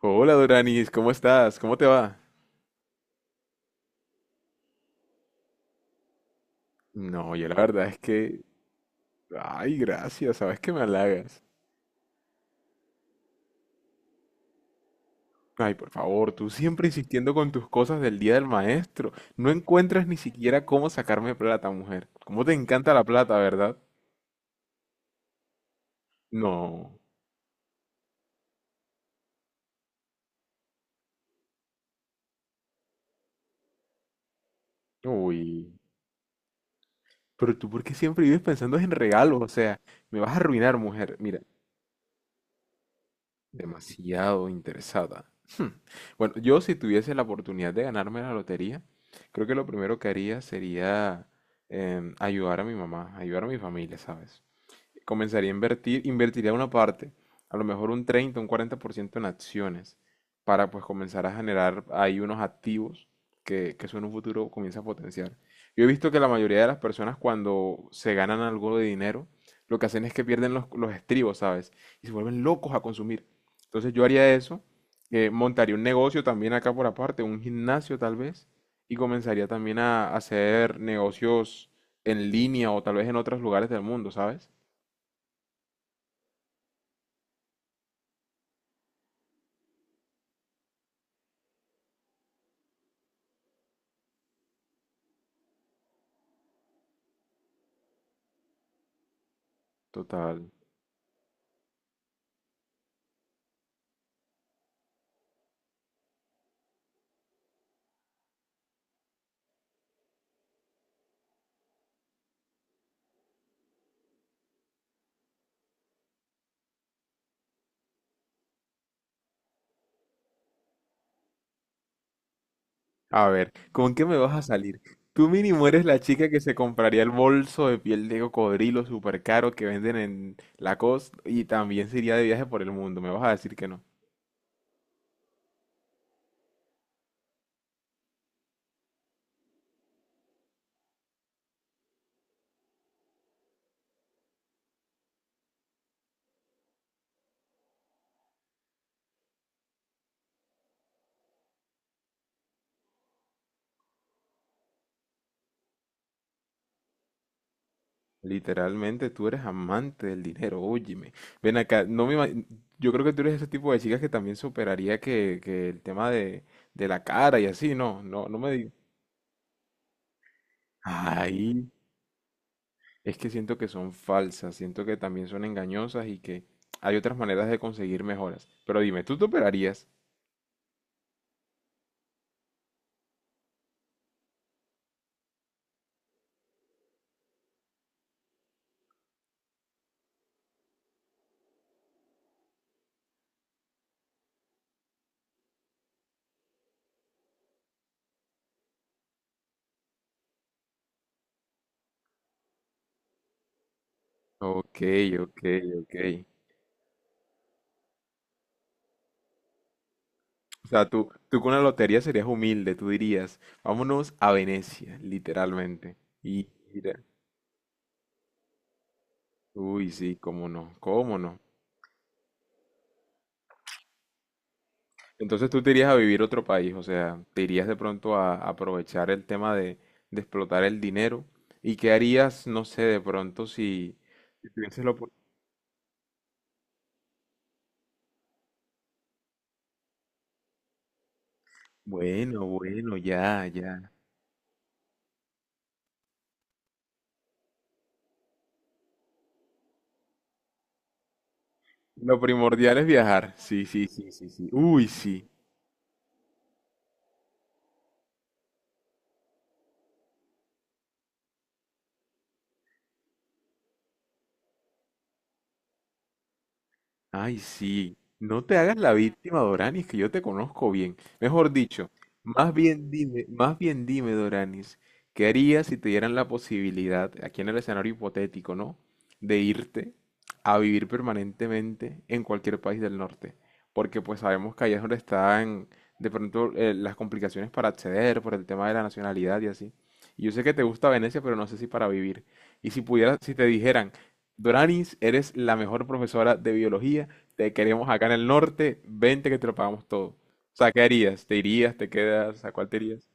Hola Doranis, ¿cómo estás? ¿Cómo te va? No, yo la verdad es que... Ay, gracias, sabes que me halagas. Ay, por favor, tú siempre insistiendo con tus cosas del día del maestro. No encuentras ni siquiera cómo sacarme plata, mujer. ¿Cómo te encanta la plata, verdad? No. Uy. Pero tú, ¿por qué siempre vives pensando en regalos? O sea, me vas a arruinar, mujer. Mira, demasiado interesada. Hmm. Bueno, yo si tuviese la oportunidad de ganarme la lotería, creo que lo primero que haría sería ayudar a mi mamá, ayudar a mi familia, ¿sabes? Comenzaría a invertir, invertiría una parte, a lo mejor un 30 un 40% en acciones, para pues comenzar a generar ahí unos activos que eso en un futuro comienza a potenciar. Yo he visto que la mayoría de las personas cuando se ganan algo de dinero, lo que hacen es que pierden los estribos, ¿sabes? Y se vuelven locos a consumir. Entonces yo haría eso, montaría un negocio también acá por aparte, un gimnasio tal vez, y comenzaría también a hacer negocios en línea o tal vez en otros lugares del mundo, ¿sabes? Total. A ver, ¿con qué me vas a salir? Tú mínimo eres la chica que se compraría el bolso de piel de cocodrilo súper caro que venden en Lacoste y también se iría de viaje por el mundo. Me vas a decir que no. Literalmente tú eres amante del dinero, óyeme. Ven acá, no me ima- yo creo que tú eres ese tipo de chicas que también superaría que el tema de la cara y así, no, no, no me digas. Ay, es que siento que son falsas, siento que también son engañosas y que hay otras maneras de conseguir mejoras. Pero dime, ¿tú te operarías? Ok, ok, ok. O sea, tú con la lotería serías humilde, tú dirías, vámonos a Venecia, literalmente. Y mira, uy, sí, cómo no, cómo no. Entonces tú te irías a vivir a otro país, o sea, te irías de pronto a aprovechar el tema de explotar el dinero. ¿Y qué harías, no sé, de pronto si tuvieses la oportunidad? Bueno, bueno, ya, ya. Lo primordial es viajar. Sí, sí, sí, sí, sí. Uy, sí. Ay, sí, no te hagas la víctima, Doranis, que yo te conozco bien. Mejor dicho, más bien dime, Doranis, ¿qué harías si te dieran la posibilidad, aquí en el escenario hipotético, ¿no? De irte a vivir permanentemente en cualquier país del norte. Porque pues sabemos que allá es donde están de pronto las complicaciones para acceder por el tema de la nacionalidad y así. Y yo sé que te gusta Venecia, pero no sé si para vivir. Y si pudieras, si te dijeran, Doranis, eres la mejor profesora de biología, te queremos acá en el norte, vente que te lo pagamos todo. O sea, ¿qué harías? ¿Te irías? ¿Te quedas? ¿A cuál te irías?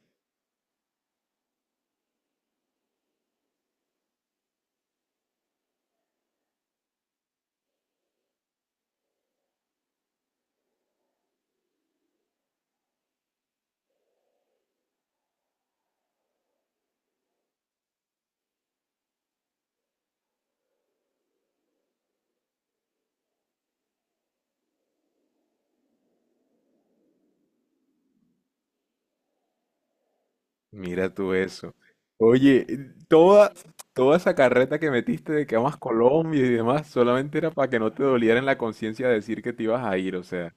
Mira tú eso. Oye, toda, toda esa carreta que metiste de que amas Colombia y demás, solamente era para que no te doliera en la conciencia decir que te ibas a ir, o sea,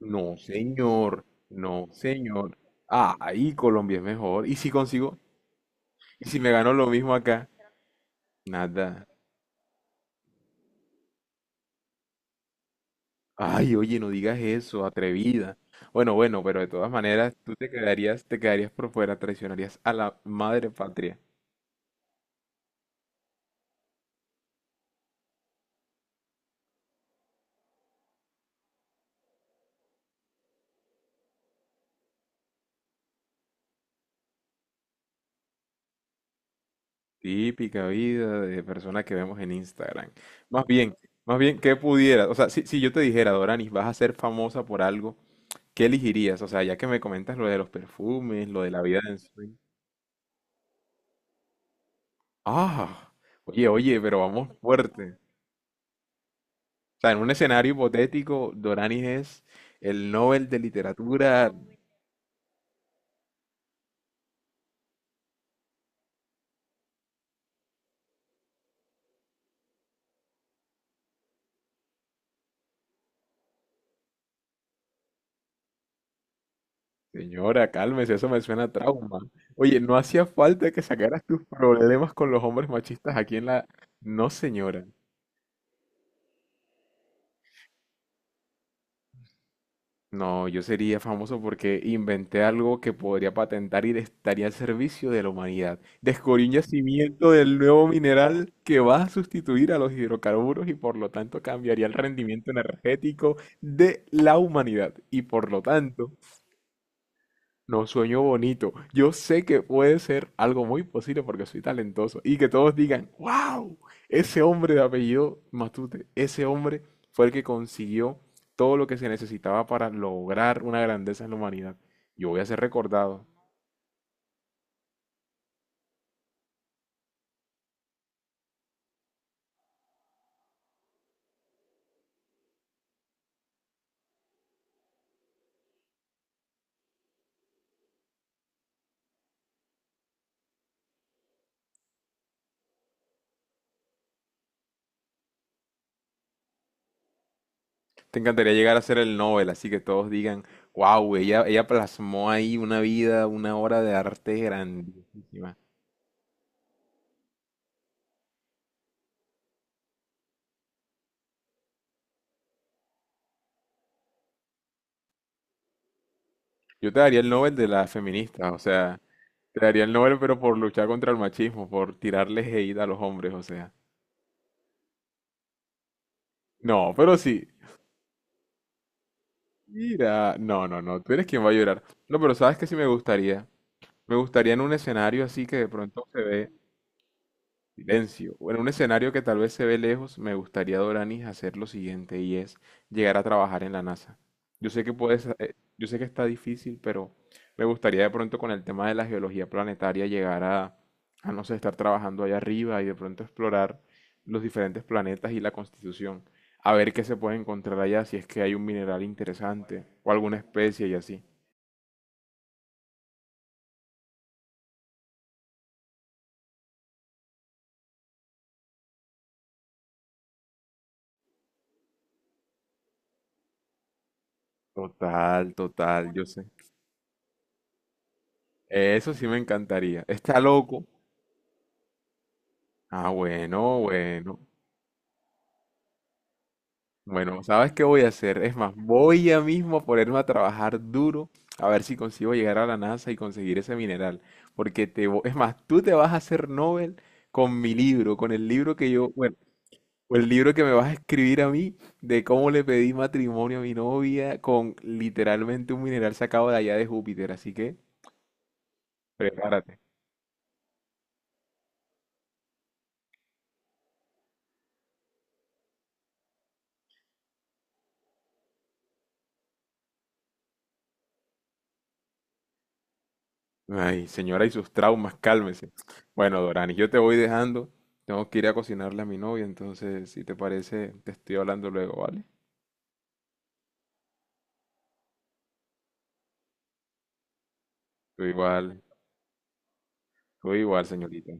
no, señor, no, señor. Ah, ahí Colombia es mejor. ¿Y si consigo? ¿Y si me gano lo mismo acá? Nada. Ay, oye, no digas eso, atrevida. Bueno, bueno, pero de todas maneras, tú te quedarías por fuera, traicionarías a la madre patria. Típica vida de persona que vemos en Instagram. Más bien, más bien, ¿qué pudieras? O sea, si, si yo te dijera, Doranis, vas a ser famosa por algo, ¿qué elegirías? O sea, ya que me comentas lo de los perfumes, lo de la vida de ensueño. Ah, oye, oye, pero vamos fuerte. O sea, en un escenario hipotético, Doranis es el Nobel de Literatura. Señora, cálmese, eso me suena a trauma. Oye, no hacía falta que sacaras tus problemas con los hombres machistas aquí en la... No, señora. No, yo sería famoso porque inventé algo que podría patentar y estaría al servicio de la humanidad. Descubrí un yacimiento del nuevo mineral que va a sustituir a los hidrocarburos y por lo tanto cambiaría el rendimiento energético de la humanidad. Y por lo tanto, no sueño bonito. Yo sé que puede ser algo muy posible porque soy talentoso y que todos digan, wow, ese hombre de apellido Matute, ese hombre fue el que consiguió todo lo que se necesitaba para lograr una grandeza en la humanidad. Yo voy a ser recordado. Te encantaría llegar a ser el Nobel, así que todos digan, wow, ella plasmó ahí una vida, una obra de arte grandísima. Yo te daría el Nobel de las feministas, o sea, te daría el Nobel pero por luchar contra el machismo, por tirarles hate a los hombres, o sea. No, pero sí. Mira, no, no, no, tú eres quien va a llorar. No, pero sabes que sí me gustaría. Me gustaría en un escenario así que de pronto se ve. Silencio. Bueno, un escenario que tal vez se ve lejos, me gustaría, Doranis, hacer lo siguiente y es llegar a trabajar en la NASA. Yo sé que puedes, yo sé que está difícil, pero me gustaría de pronto con el tema de la geología planetaria llegar a, no sé, estar trabajando allá arriba y de pronto explorar los diferentes planetas y la constitución, a ver qué se puede encontrar allá, si es que hay un mineral interesante o alguna especie y así. Total, total, yo sé. Eso sí me encantaría. Está loco. Ah, bueno, bueno. Bueno, ¿sabes qué voy a hacer? Es más, voy ya mismo a ponerme a trabajar duro a ver si consigo llegar a la NASA y conseguir ese mineral. Porque te, es más, tú te vas a hacer Nobel con mi libro, con el libro que yo, bueno, o el libro que me vas a escribir a mí de cómo le pedí matrimonio a mi novia con literalmente un mineral sacado de allá de Júpiter. Así que prepárate. Ay, señora y sus traumas, cálmese. Bueno, Dorani, yo te voy dejando. Tengo que ir a cocinarle a mi novia, entonces, si te parece, te estoy hablando luego, ¿vale? Tú igual, tú igual, señorita.